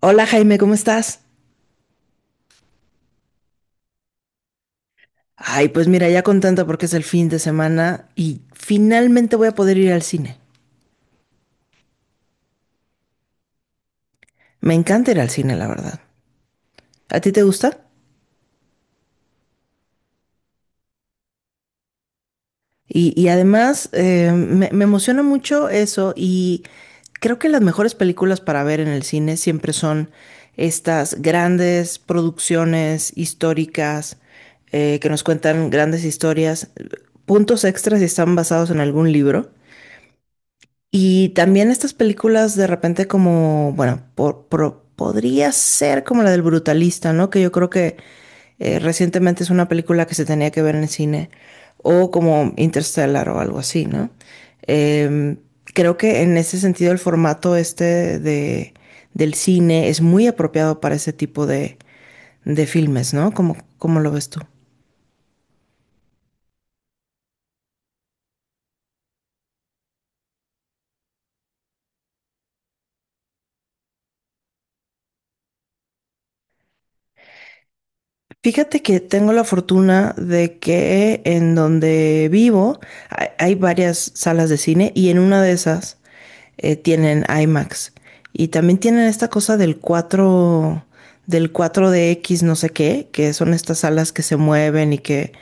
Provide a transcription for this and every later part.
Hola Jaime, ¿cómo estás? Ay, pues mira, ya contenta porque es el fin de semana y finalmente voy a poder ir al cine. Me encanta ir al cine, la verdad. ¿A ti te gusta? Y además me emociona mucho eso, y creo que las mejores películas para ver en el cine siempre son estas grandes producciones históricas, que nos cuentan grandes historias. Puntos extras si están basados en algún libro. Y también estas películas de repente como, bueno, podría ser como la del Brutalista, ¿no? Que yo creo que recientemente es una película que se tenía que ver en el cine, o como Interstellar o algo así, ¿no? Em, Creo que en ese sentido el formato este del cine es muy apropiado para ese tipo de filmes, ¿no? Cómo lo ves tú? Fíjate que tengo la fortuna de que en donde vivo hay varias salas de cine y en una de esas tienen IMAX. Y también tienen esta cosa del 4 del 4 X no sé qué, que son estas salas que se mueven y que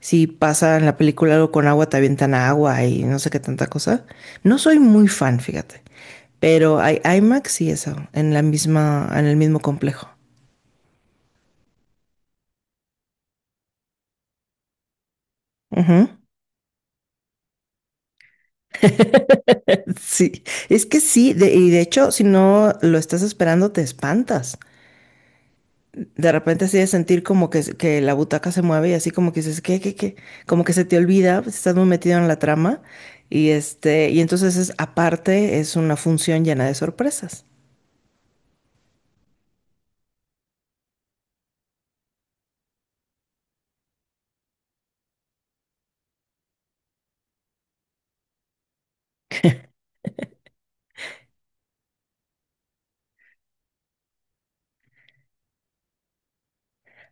si pasa en la película algo con agua te avientan agua y no sé qué tanta cosa. No soy muy fan, fíjate. Pero hay IMAX y eso, en la misma, en el mismo complejo. Ujú. Sí, es que sí, de hecho, si no lo estás esperando, te espantas. De repente así de sentir como que la butaca se mueve y así como que dices, ¿qué, qué, qué? Como que se te olvida, pues, estás muy metido en la trama y entonces es, aparte es una función llena de sorpresas.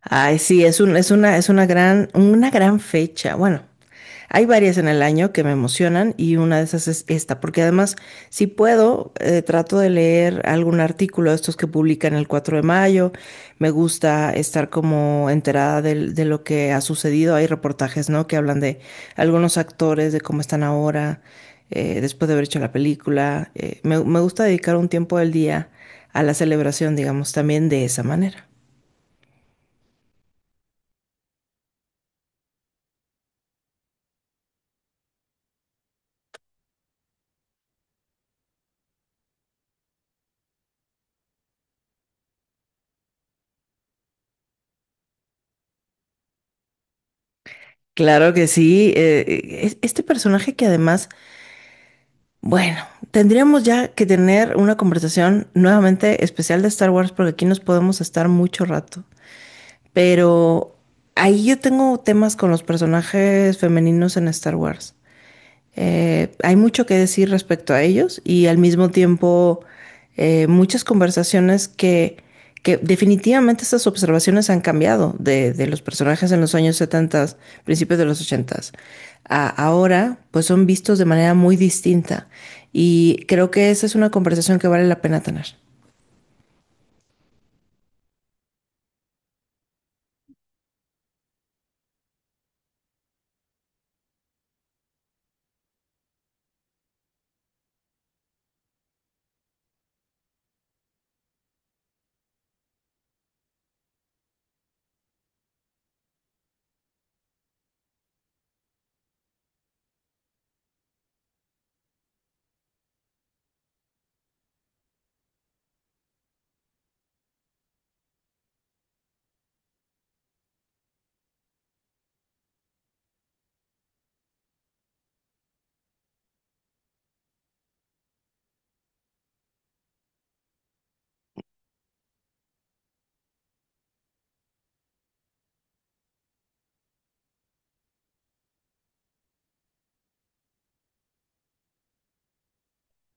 Ay, sí, es un, es una gran fecha. Bueno, hay varias en el año que me emocionan y una de esas es esta, porque además, si puedo, trato de leer algún artículo de estos que publican el 4 de mayo. Me gusta estar como enterada de lo que ha sucedido. Hay reportajes, ¿no? Que hablan de algunos actores, de cómo están ahora, después de haber hecho la película. Me gusta dedicar un tiempo del día a la celebración, digamos, también de esa manera. Claro que sí. Este personaje que además, bueno, tendríamos ya que tener una conversación nuevamente especial de Star Wars porque aquí nos podemos estar mucho rato. Pero ahí yo tengo temas con los personajes femeninos en Star Wars. Hay mucho que decir respecto a ellos y al mismo tiempo muchas conversaciones que definitivamente estas observaciones han cambiado de los personajes en los años 70, principios de los 80 a ahora, pues son vistos de manera muy distinta. Y creo que esa es una conversación que vale la pena tener.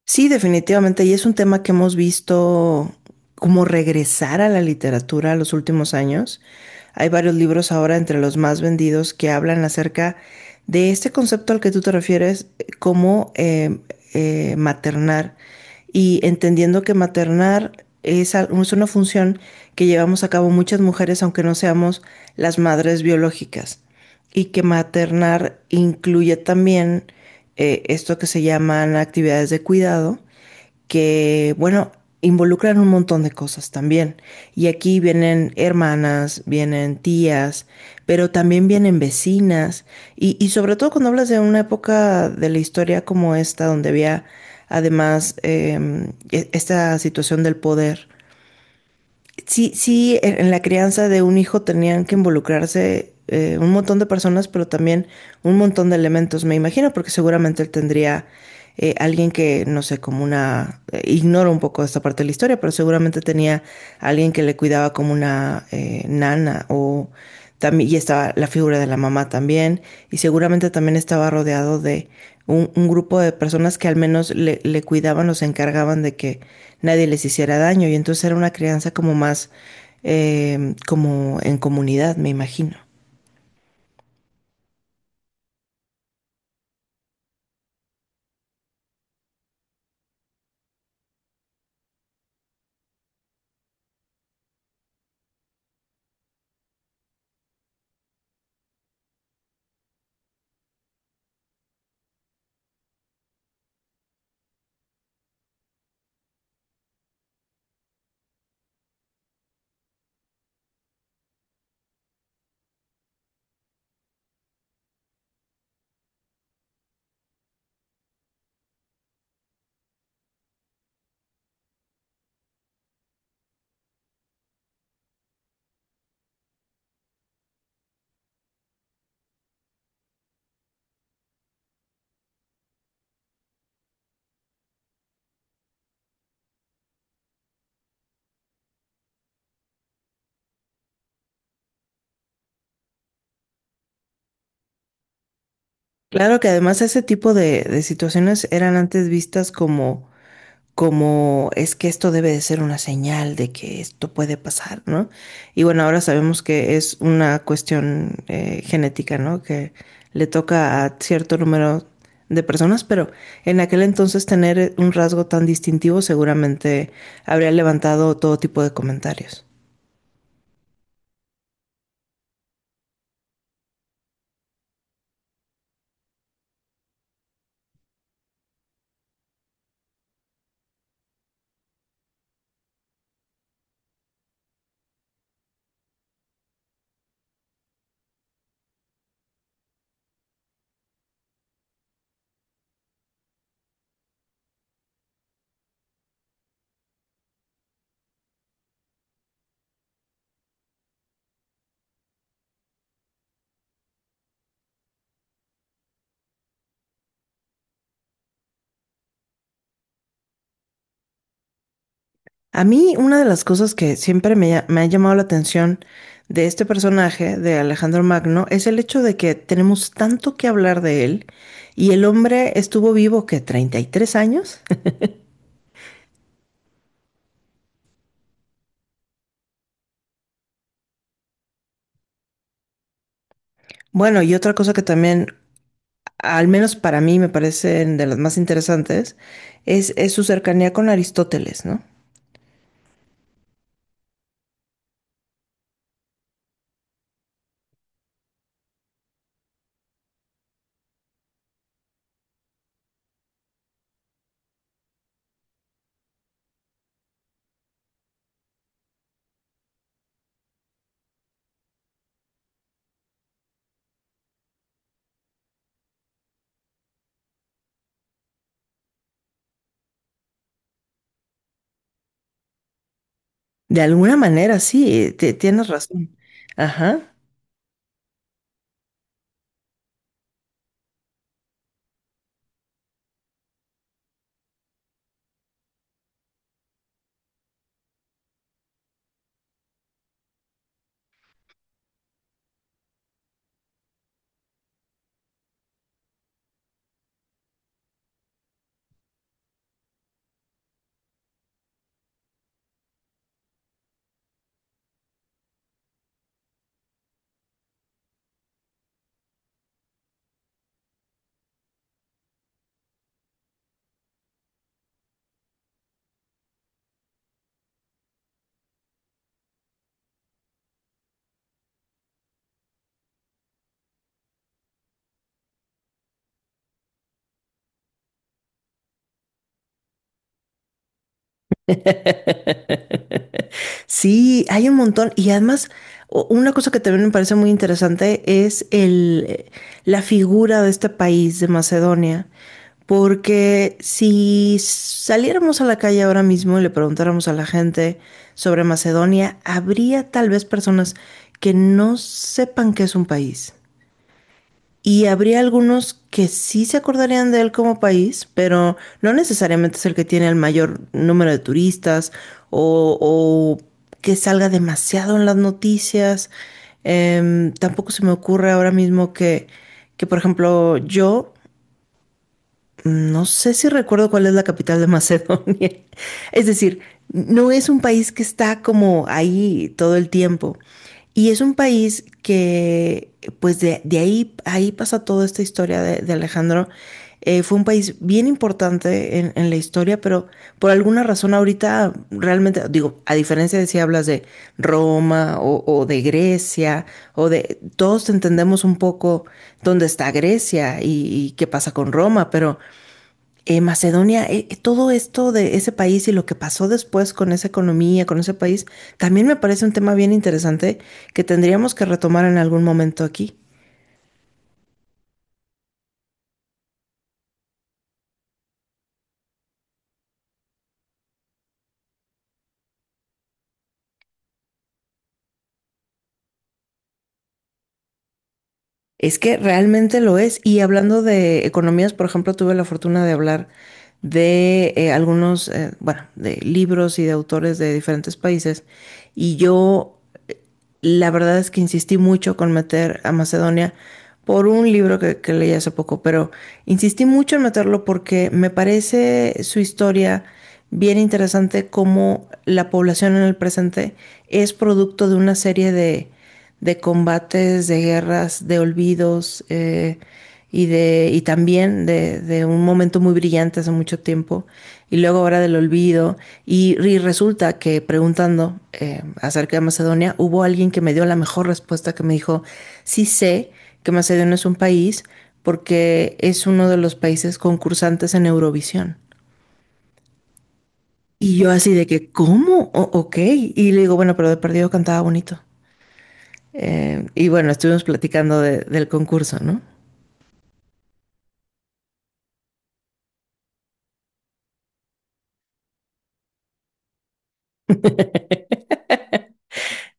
Sí, definitivamente. Y es un tema que hemos visto como regresar a la literatura en los últimos años. Hay varios libros ahora entre los más vendidos que hablan acerca de este concepto al que tú te refieres, como maternar. Y entendiendo que maternar es una función que llevamos a cabo muchas mujeres, aunque no seamos las madres biológicas, y que maternar incluye también esto que se llaman actividades de cuidado, que bueno, involucran un montón de cosas también. Y aquí vienen hermanas, vienen tías, pero también vienen vecinas. Y sobre todo cuando hablas de una época de la historia como esta, donde había además esta situación del poder, sí, sí, en la crianza de un hijo tenían que involucrarse un montón de personas, pero también un montón de elementos, me imagino, porque seguramente él tendría alguien que, no sé, como una, ignoro un poco esta parte de la historia, pero seguramente tenía alguien que le cuidaba como una nana o también, y estaba la figura de la mamá también, y seguramente también estaba rodeado de un grupo de personas que al menos le cuidaban o se encargaban de que nadie les hiciera daño, y entonces era una crianza como más como en comunidad, me imagino. Claro que además ese tipo de situaciones eran antes vistas como, como es que esto debe de ser una señal de que esto puede pasar, ¿no? Y bueno, ahora sabemos que es una cuestión genética, ¿no? Que le toca a cierto número de personas, pero en aquel entonces tener un rasgo tan distintivo seguramente habría levantado todo tipo de comentarios. A mí una de las cosas que siempre me ha llamado la atención de este personaje, de Alejandro Magno, es el hecho de que tenemos tanto que hablar de él y el hombre estuvo vivo que 33 años. Bueno, y otra cosa que también, al menos para mí, me parecen de las más interesantes, es su cercanía con Aristóteles, ¿no? De alguna manera, sí, tienes razón. Ajá. Sí, hay un montón. Y además, una cosa que también me parece muy interesante es la figura de este país, de Macedonia. Porque si saliéramos a la calle ahora mismo y le preguntáramos a la gente sobre Macedonia, habría tal vez personas que no sepan que es un país. Y habría algunos que sí se acordarían de él como país, pero no necesariamente es el que tiene el mayor número de turistas, o que salga demasiado en las noticias. Tampoco se me ocurre ahora mismo por ejemplo, yo no sé si recuerdo cuál es la capital de Macedonia. Es decir, no es un país que está como ahí todo el tiempo. Y es un país que, pues de ahí, ahí pasa toda esta historia de Alejandro. Fue un país bien importante en la historia, pero por alguna razón ahorita realmente, digo, a diferencia de si hablas de Roma o de Grecia, o de, todos entendemos un poco dónde está Grecia y qué pasa con Roma, pero Macedonia, todo esto de ese país y lo que pasó después con esa economía, con ese país, también me parece un tema bien interesante que tendríamos que retomar en algún momento aquí. Es que realmente lo es. Y hablando de economías, por ejemplo, tuve la fortuna de hablar de algunos, bueno, de libros y de autores de diferentes países. Y yo La verdad es que insistí mucho con meter a Macedonia por un libro que leí hace poco, pero insistí mucho en meterlo porque me parece su historia bien interesante, como la población en el presente es producto de una serie de combates, de guerras, de olvidos, y también un momento muy brillante hace mucho tiempo y luego ahora del olvido. Y resulta que preguntando acerca de Macedonia, hubo alguien que me dio la mejor respuesta, que me dijo, sí sé que Macedonia es un país porque es uno de los países concursantes en Eurovisión. Y yo así de que, ¿cómo? O ok. Y le digo, bueno, pero de perdido cantaba bonito. Y bueno, estuvimos platicando del concurso, ¿no?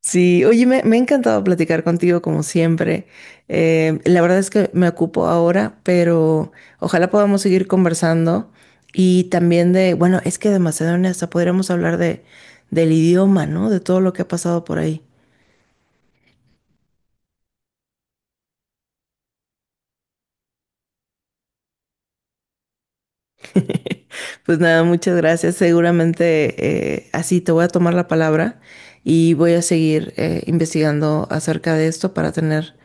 Sí, oye, me ha encantado platicar contigo como siempre. La verdad es que me ocupo ahora, pero ojalá podamos seguir conversando y también de, bueno, es que de Macedonia hasta podríamos hablar de, del idioma, ¿no? De todo lo que ha pasado por ahí. Pues nada, muchas gracias. Seguramente así te voy a tomar la palabra y voy a seguir investigando acerca de esto para tener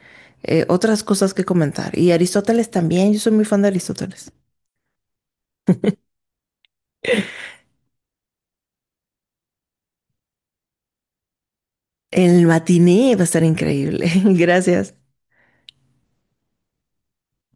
otras cosas que comentar. Y Aristóteles también, yo soy muy fan de Aristóteles. El matiné va a estar increíble. Gracias.